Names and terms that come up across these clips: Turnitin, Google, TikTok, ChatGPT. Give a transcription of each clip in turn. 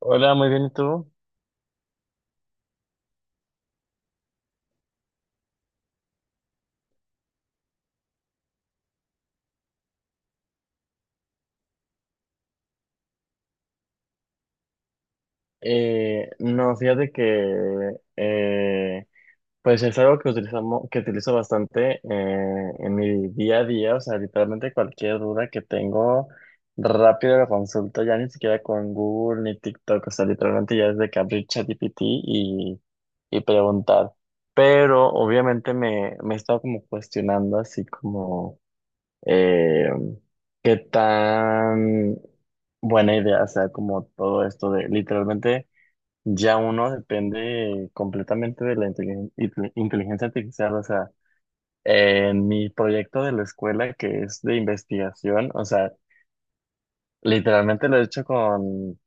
Hola, muy bien, ¿y tú? No, fíjate que pues es algo que utilizamos, que utilizo bastante en mi día a día, o sea, literalmente cualquier duda que tengo, rápido la consulto, ya ni siquiera con Google ni TikTok, o sea, literalmente ya desde que abrí ChatGPT y preguntar. Pero obviamente me he estado como cuestionando así como eh, qué tan buena idea sea como todo esto de literalmente ya uno depende completamente de la inteligencia artificial. O sea, en mi proyecto de la escuela que es de investigación, o sea, literalmente lo he hecho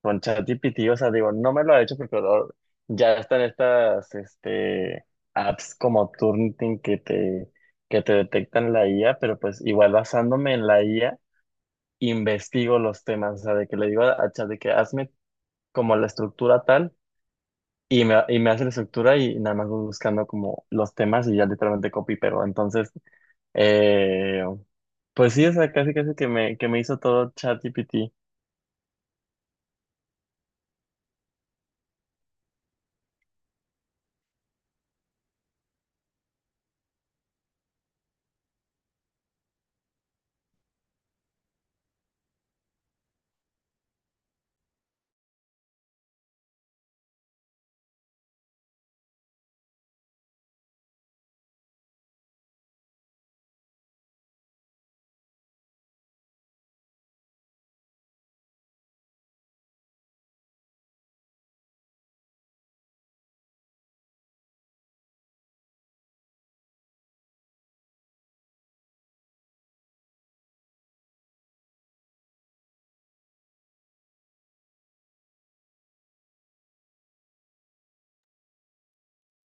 con ChatGPT. O sea, digo, no me lo ha hecho porque ya están estas apps como Turnitin que que te detectan la IA, pero pues igual basándome en la IA investigo los temas, o sea, de que le digo a Chat de que hazme como la estructura tal y y me hace la estructura y nada más voy buscando como los temas y ya literalmente copy, pero entonces, eh, pues sí, o sea, casi casi que que me hizo todo ChatGPT.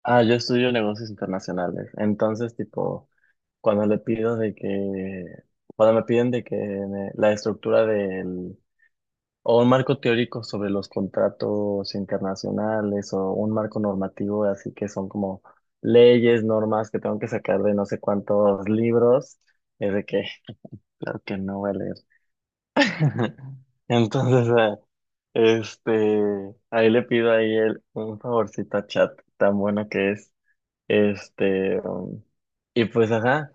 Ah, yo estudio negocios internacionales, entonces tipo, cuando le pido de cuando me piden de que la estructura del o un marco teórico sobre los contratos internacionales o un marco normativo, así que son como leyes, normas que tengo que sacar de no sé cuántos libros, es de que, claro que no voy a leer. Entonces, este, ahí le pido ahí un favorcito a Chat, tan bueno que es. Este, y pues, ajá,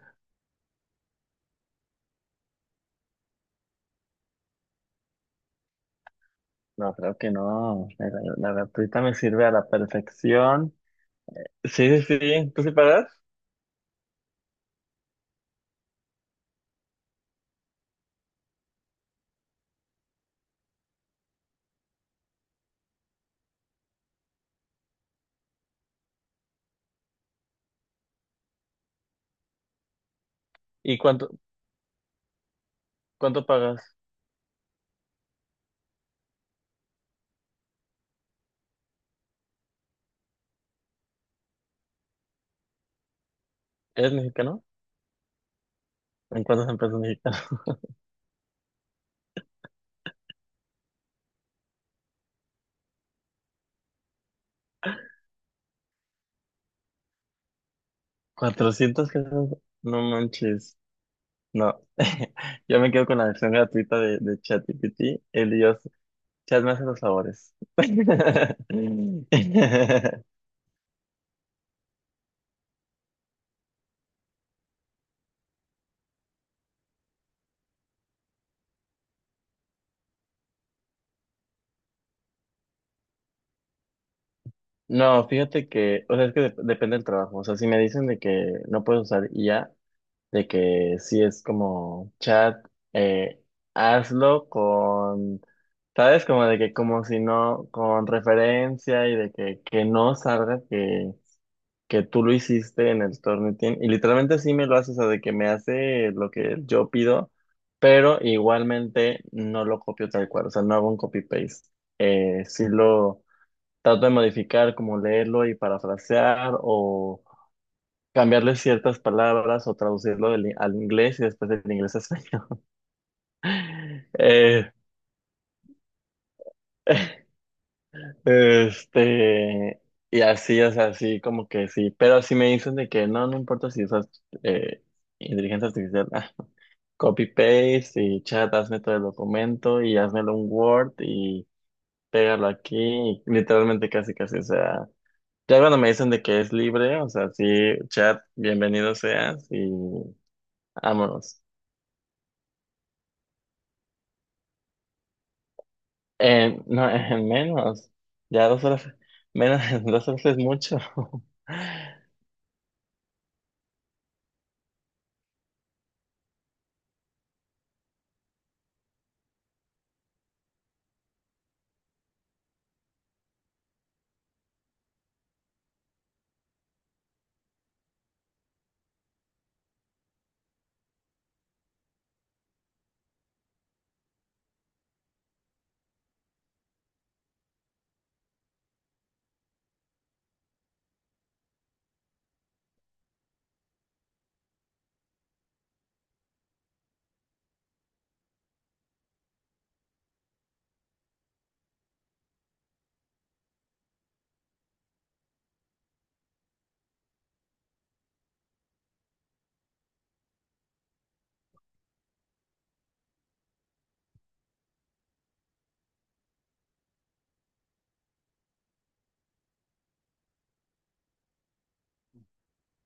no, creo que no, la gratuita me sirve a la perfección. Sí, sí, sí, ¿tú sí pagas? ¿Y cuánto? ¿Cuánto pagas? ¿Eres mexicano? ¿En cuántas empresas mexicanas? ¿400 pesos? No manches. No. Yo me quedo con la versión gratuita de ChatGPT. El Dios, Chat me hace los favores. No, fíjate que, o sea, es que depende del trabajo. O sea, si me dicen de que no puedes usar IA, de que sí es como chat, eh, hazlo con, ¿sabes? Como de que como si no, con referencia y de que no salga que tú lo hiciste en el Tornitin. Y literalmente sí me lo hace, o sea, de que me hace lo que yo pido, pero igualmente no lo copio tal cual, o sea, no hago un copy-paste. Sí lo trato de modificar, como leerlo y parafrasear o cambiarle ciertas palabras o traducirlo al inglés y después del inglés a español. Eh, este, y así, o sea, así como que sí, pero si me dicen de que no, no importa si usas eh, inteligencia artificial, ah, copy paste y chat, hazme todo el documento y házmelo un Word y pégalo aquí, y literalmente casi casi, o sea, ya cuando me dicen de que es libre, o sea, sí, chat, bienvenido seas y vámonos. No, menos. Ya 2 horas, menos, 2 horas es mucho.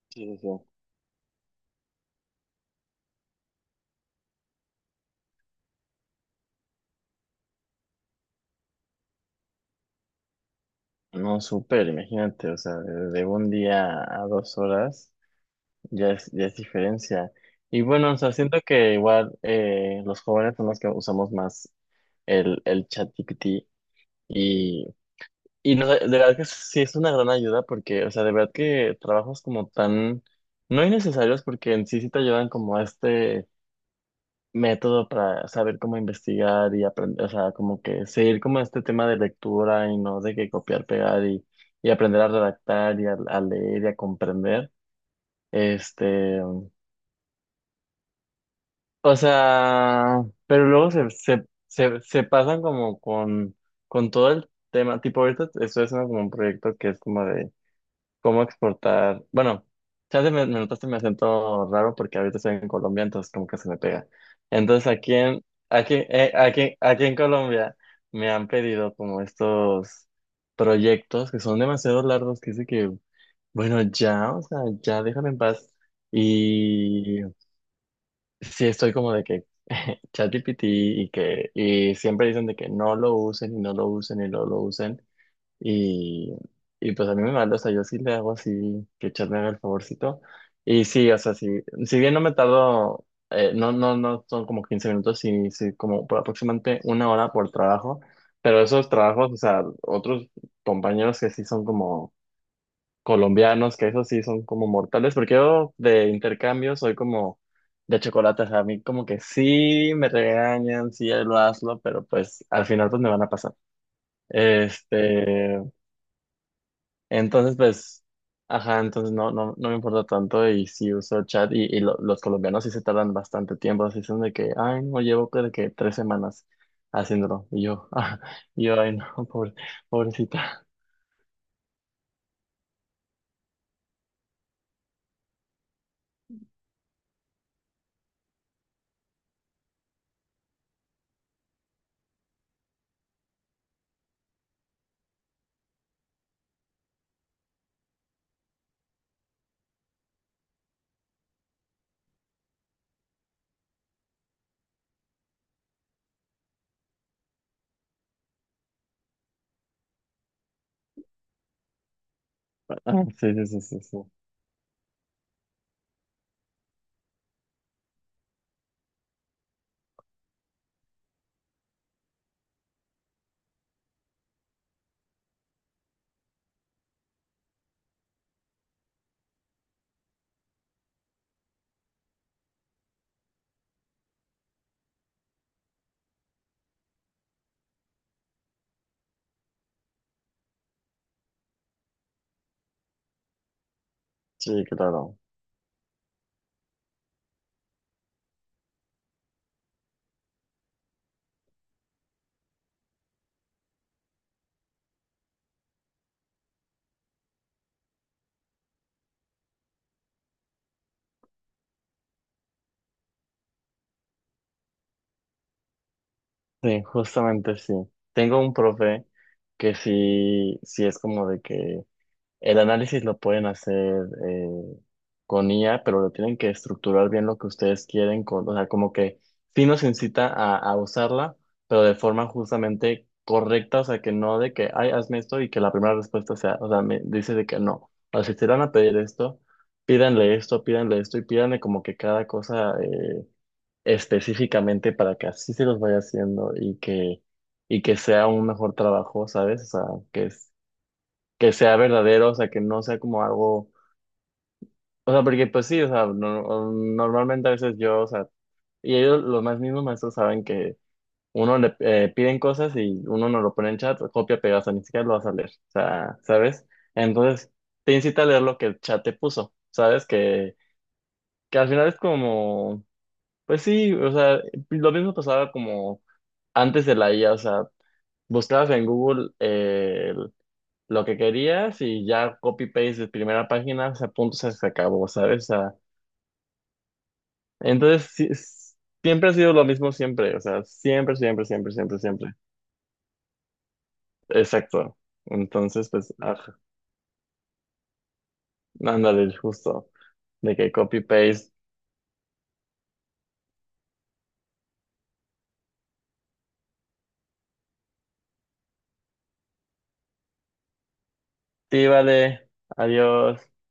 Sí, sí. No, súper, imagínate, o sea, de un día a 2 horas ya es diferencia. Y bueno, o sea, siento que igual los jóvenes son los que usamos más el ChatGPT y, y no, de verdad que sí es una gran ayuda porque, o sea, de verdad que trabajos como tan, no innecesarios porque en sí sí te ayudan como a este método para saber cómo investigar y aprender, o sea, como que seguir como este tema de lectura y no de que copiar, pegar y aprender a redactar y a leer y a comprender. Este, o sea, pero luego se pasan como con todo el tema, tipo ahorita estoy haciendo como un proyecto que es como de cómo exportar. Bueno, ya me notaste mi acento raro porque ahorita estoy en Colombia, entonces como que se me pega. Entonces aquí en Colombia me han pedido como estos proyectos que son demasiado largos, que dice que, bueno, ya, o sea, ya déjame en paz. Y sí estoy como de que ChatGPT y siempre dicen de que no lo usen y no lo usen y no lo usen. Y, y pues a mí me manda, o sea, yo sí le hago así, que Chad me haga el favorcito. Y sí, o sea, sí, si bien no me tardo, no, no, no son como 15 minutos, sí, sí, como por aproximadamente una hora por trabajo, pero esos trabajos, o sea, otros compañeros que sí son como colombianos, que esos sí son como mortales, porque yo de intercambio soy como de chocolate, o sea, a mí como que sí me regañan, sí lo hazlo, pero pues al final pues me van a pasar. Este, entonces, pues, ajá, entonces no, no, no me importa tanto y sí uso chat y los colombianos sí se tardan bastante tiempo, así son de que, ay, no, llevo creo que 3 semanas haciéndolo y yo, ah, y yo, ay, no, pobrecita. Ah, sí, sí, sí, sí, sí, sí, claro. Sí, justamente sí. Tengo un profe que sí, sí es como de que el análisis lo pueden hacer eh, con IA, pero lo tienen que estructurar bien lo que ustedes quieren, o sea, como que sí nos incita a usarla, pero de forma justamente correcta, o sea, que no de que, ay, hazme esto y que la primera respuesta sea, o sea, me dice de que no. O sea, si te van a pedir esto, pídanle esto, pídanle esto y pídanle como que cada cosa específicamente para que así se los vaya haciendo y que sea un mejor trabajo, ¿sabes? O sea, que es que sea verdadero, o sea, que no sea como algo, o sea, porque pues sí, o sea, normalmente a veces yo, o sea, y ellos, los más mismos maestros saben que uno le piden cosas y uno no lo pone en chat, copia, pega, o sea, ni siquiera lo vas a leer, o sea, ¿sabes? Entonces, te incita a leer lo que el chat te puso, ¿sabes? Que al final es como, pues sí, o sea, lo mismo pasaba como antes de la IA, o sea, buscabas en Google lo que querías y ya copy-paste de primera página, o sea, punto, se acabó, ¿sabes? O sea, entonces, sí, siempre ha sido lo mismo, siempre, o sea, siempre, siempre, siempre, siempre, siempre. Exacto. Entonces, pues, ajá, ándale, justo, de que copy-paste, sí, vale, adiós.